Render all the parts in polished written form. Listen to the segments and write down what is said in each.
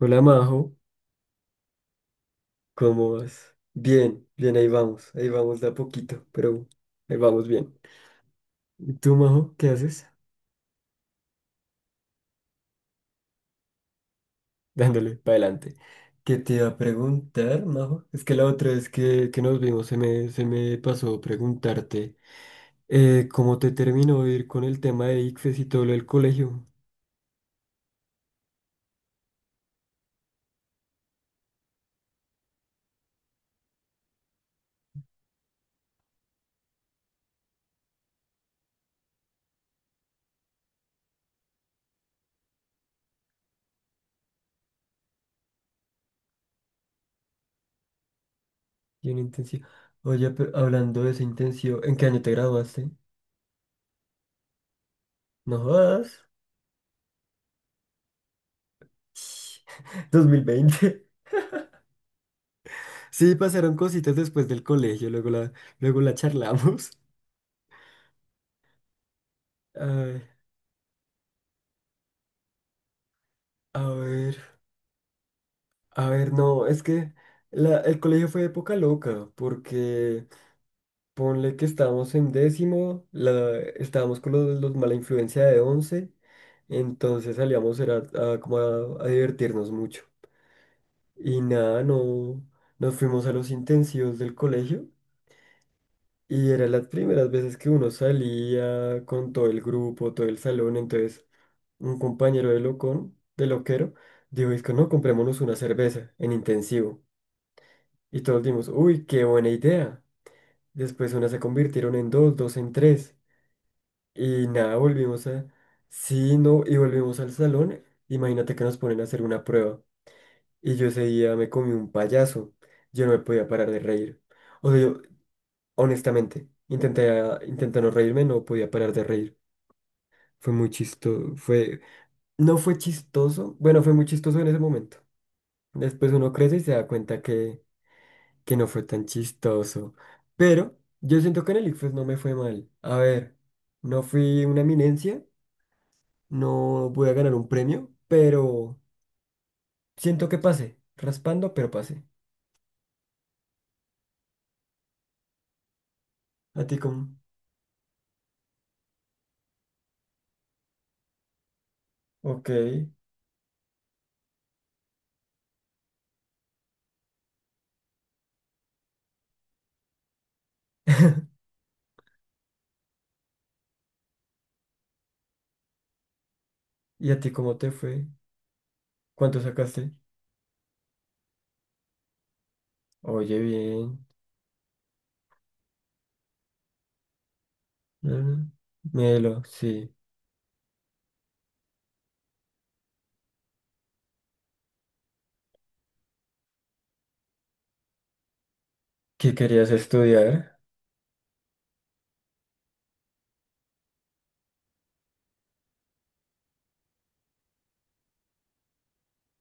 Hola Majo, ¿cómo vas? Bien, bien, ahí vamos de a poquito, pero ahí vamos bien. ¿Y tú, Majo, qué haces? Dándole para adelante. ¿Qué te iba a preguntar, Majo? Es que la otra vez que nos vimos se me pasó preguntarte cómo te terminó de ir con el tema de ICFES y todo lo del colegio y en intensivo. Oye, pero hablando de ese intensivo, ¿en qué año te graduaste? No jodas. Dos mil veinte. Sí, pasaron cositas después del colegio, luego la charlamos. Ay, a ver, a ver, no, es que el colegio fue época loca, porque ponle que estábamos en décimo, estábamos con los mala influencia de once, entonces salíamos era a divertirnos mucho. Y nada, no, nos fuimos a los intensivos del colegio. Y eran las primeras veces que uno salía con todo el grupo, todo el salón, entonces un compañero de locón, de loquero, dijo, es que no, comprémonos una cerveza en intensivo. Y todos dimos, uy, qué buena idea. Después unas se convirtieron en dos, dos en tres. Y nada, volvimos a... Sí, no, y volvimos al salón. Imagínate que nos ponen a hacer una prueba. Y yo ese día me comí un payaso. Yo no me podía parar de reír. O sea, yo, honestamente, intenté, intenté no reírme, no podía parar de reír. Fue muy chistoso, fue... No fue chistoso, bueno, fue muy chistoso en ese momento. Después uno crece y se da cuenta que no fue tan chistoso. Pero yo siento que en el ICFES no me fue mal. A ver, no fui una eminencia, no voy a ganar un premio, pero siento que pasé. Raspando, pero pasé. ¿A ti cómo? Ok. ¿Y a ti cómo te fue? ¿Cuánto sacaste? Oye, bien. Ah, melo, sí. ¿Qué querías estudiar?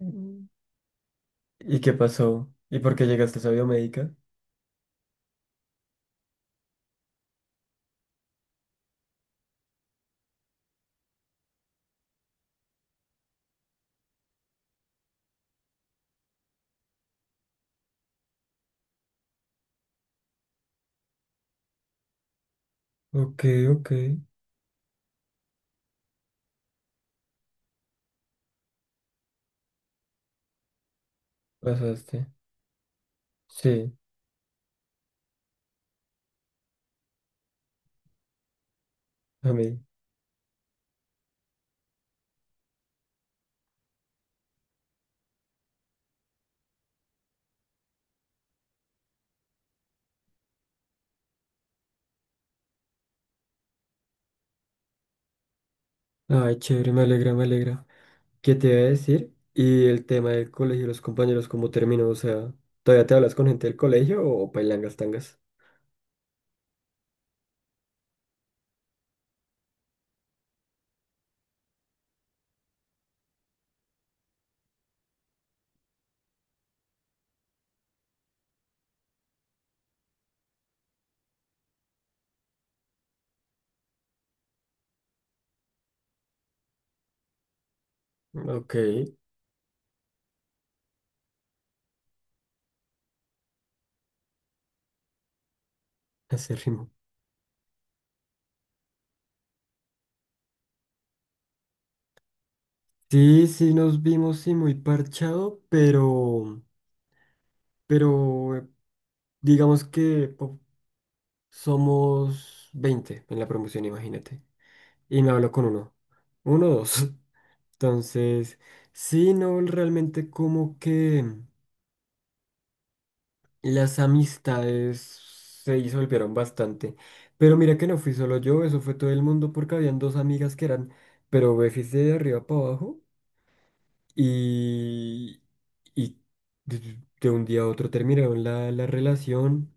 Mm. ¿Y qué pasó? ¿Y por qué llegaste a esa biomédica? Ok, ok. Pasaste. Sí, a mí. Ay, chévere, me alegra, me alegra. ¿Qué te iba a decir? Y el tema del colegio, los compañeros, ¿cómo terminó? O sea, ¿todavía te hablas con gente del colegio o pailangas tangas? Ok, ese ritmo. Sí, sí, nos vimos, sí, muy parchado, pero digamos que somos 20 en la promoción, imagínate. Y me hablo con uno, uno o dos. Entonces, sí, no, realmente como que... Las amistades se disolvieron bastante. Pero mira que no fui solo yo, eso fue todo el mundo porque habían dos amigas que eran, pero befis de arriba para abajo y, y de un día a otro terminaron la relación.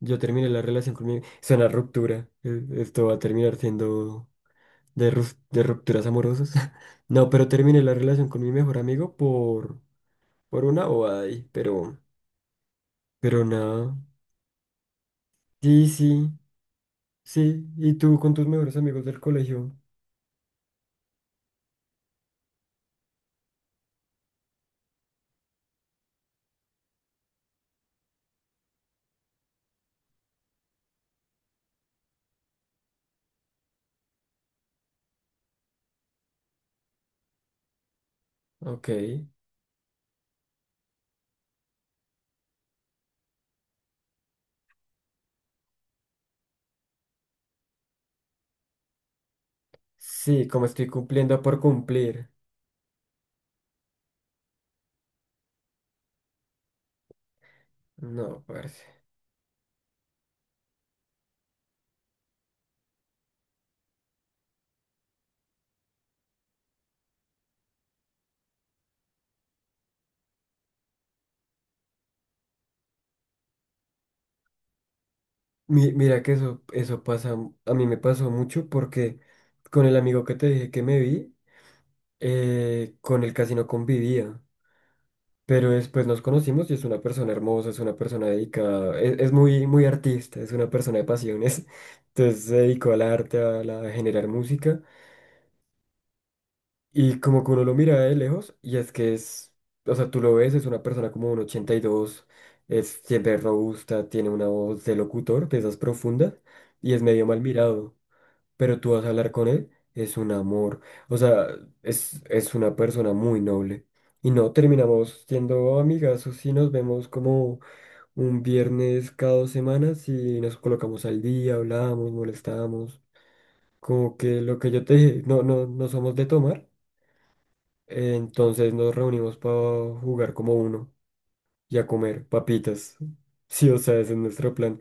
Yo terminé la relación con mi... Es una ruptura. Esto va a terminar siendo de rupturas amorosas. No, pero terminé la relación con mi mejor amigo por una bobada ahí, pero nada. Sí, sí. Sí, y tú con tus mejores amigos del colegio. Ok. Sí, como estoy cumpliendo por cumplir. No, parce. Mira que eso pasa, a mí me pasó mucho porque con el amigo que te dije que me vi, con él casi no convivía. Pero después nos conocimos y es una persona hermosa, es una persona dedicada, es muy, muy artista, es una persona de pasiones. Entonces se dedicó al arte, a generar música. Y como que uno lo mira de lejos, y es que es, o sea, tú lo ves, es una persona como un ochenta y dos, es siempre robusta, tiene una voz de locutor, de esas profundas, y es medio mal mirado. Pero tú vas a hablar con él, es un amor. O sea, es una persona muy noble. Y no terminamos siendo amigas o y nos vemos como un viernes cada dos semanas y nos colocamos al día, hablamos, molestamos. Como que lo que yo te dije, no, no, no somos de tomar. Entonces nos reunimos para jugar como uno y a comer papitas. Sí, o sea, ese es nuestro plan.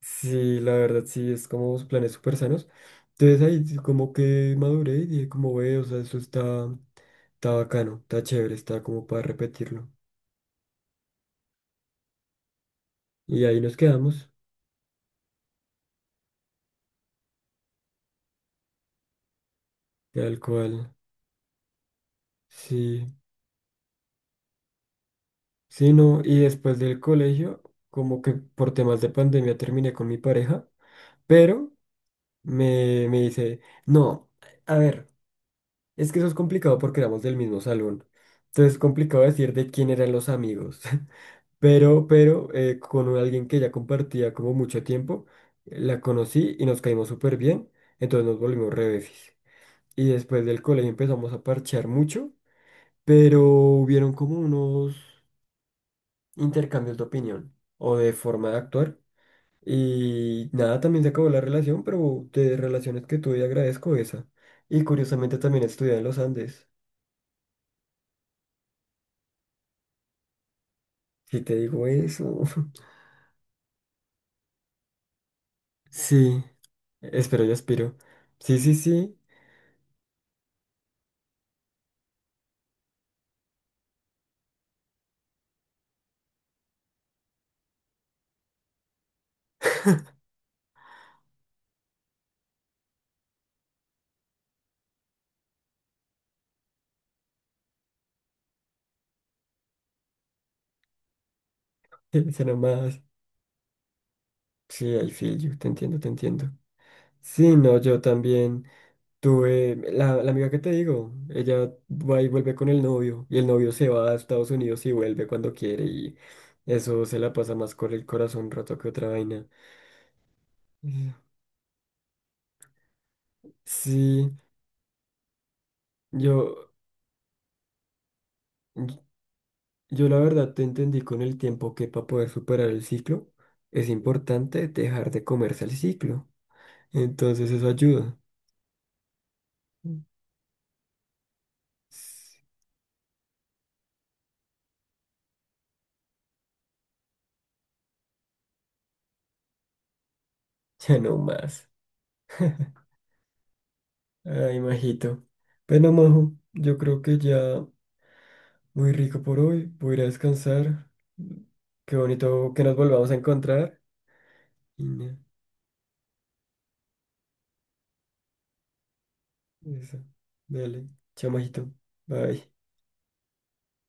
Sí, la verdad, sí, es como planes súper sanos. Entonces ahí sí como que maduré y dije como ve, o sea, eso está, está bacano, está chévere, está como para repetirlo. Y ahí nos quedamos, tal cual. Sí, sí, no. Y después del colegio, como que por temas de pandemia terminé con mi pareja, pero me dice, no, a ver. Es que eso es complicado porque éramos del mismo salón. Entonces es complicado decir de quién eran los amigos. Pero con alguien que ya compartía como mucho tiempo, la conocí y nos caímos súper bien. Entonces nos volvimos re befis. Y después del colegio empezamos a parchear mucho, pero hubieron como unos intercambios de opinión o de forma de actuar. Y nada, también se acabó la relación, pero de relaciones que tuve agradezco esa. Y curiosamente también estudié en los Andes. Si te digo eso. Sí, espero y aspiro. Sí, sí, sí, será más. Sí, I feel you, te entiendo, te entiendo. Sí, no, yo también tuve, la amiga que te digo, ella va y vuelve con el novio, y el novio se va a Estados Unidos y vuelve cuando quiere, y eso se la pasa más con el corazón roto que otra vaina. Mm. Sí, yo, yo la verdad te entendí con el tiempo que para poder superar el ciclo, es importante dejar de comerse el ciclo. Entonces eso ayuda. Ya no más. Ay, majito. Bueno, majo, yo creo que ya muy rico por hoy. Voy a ir a descansar. Qué bonito que nos volvamos a encontrar. Y nada, eso. Dale. Chao, majito. Bye.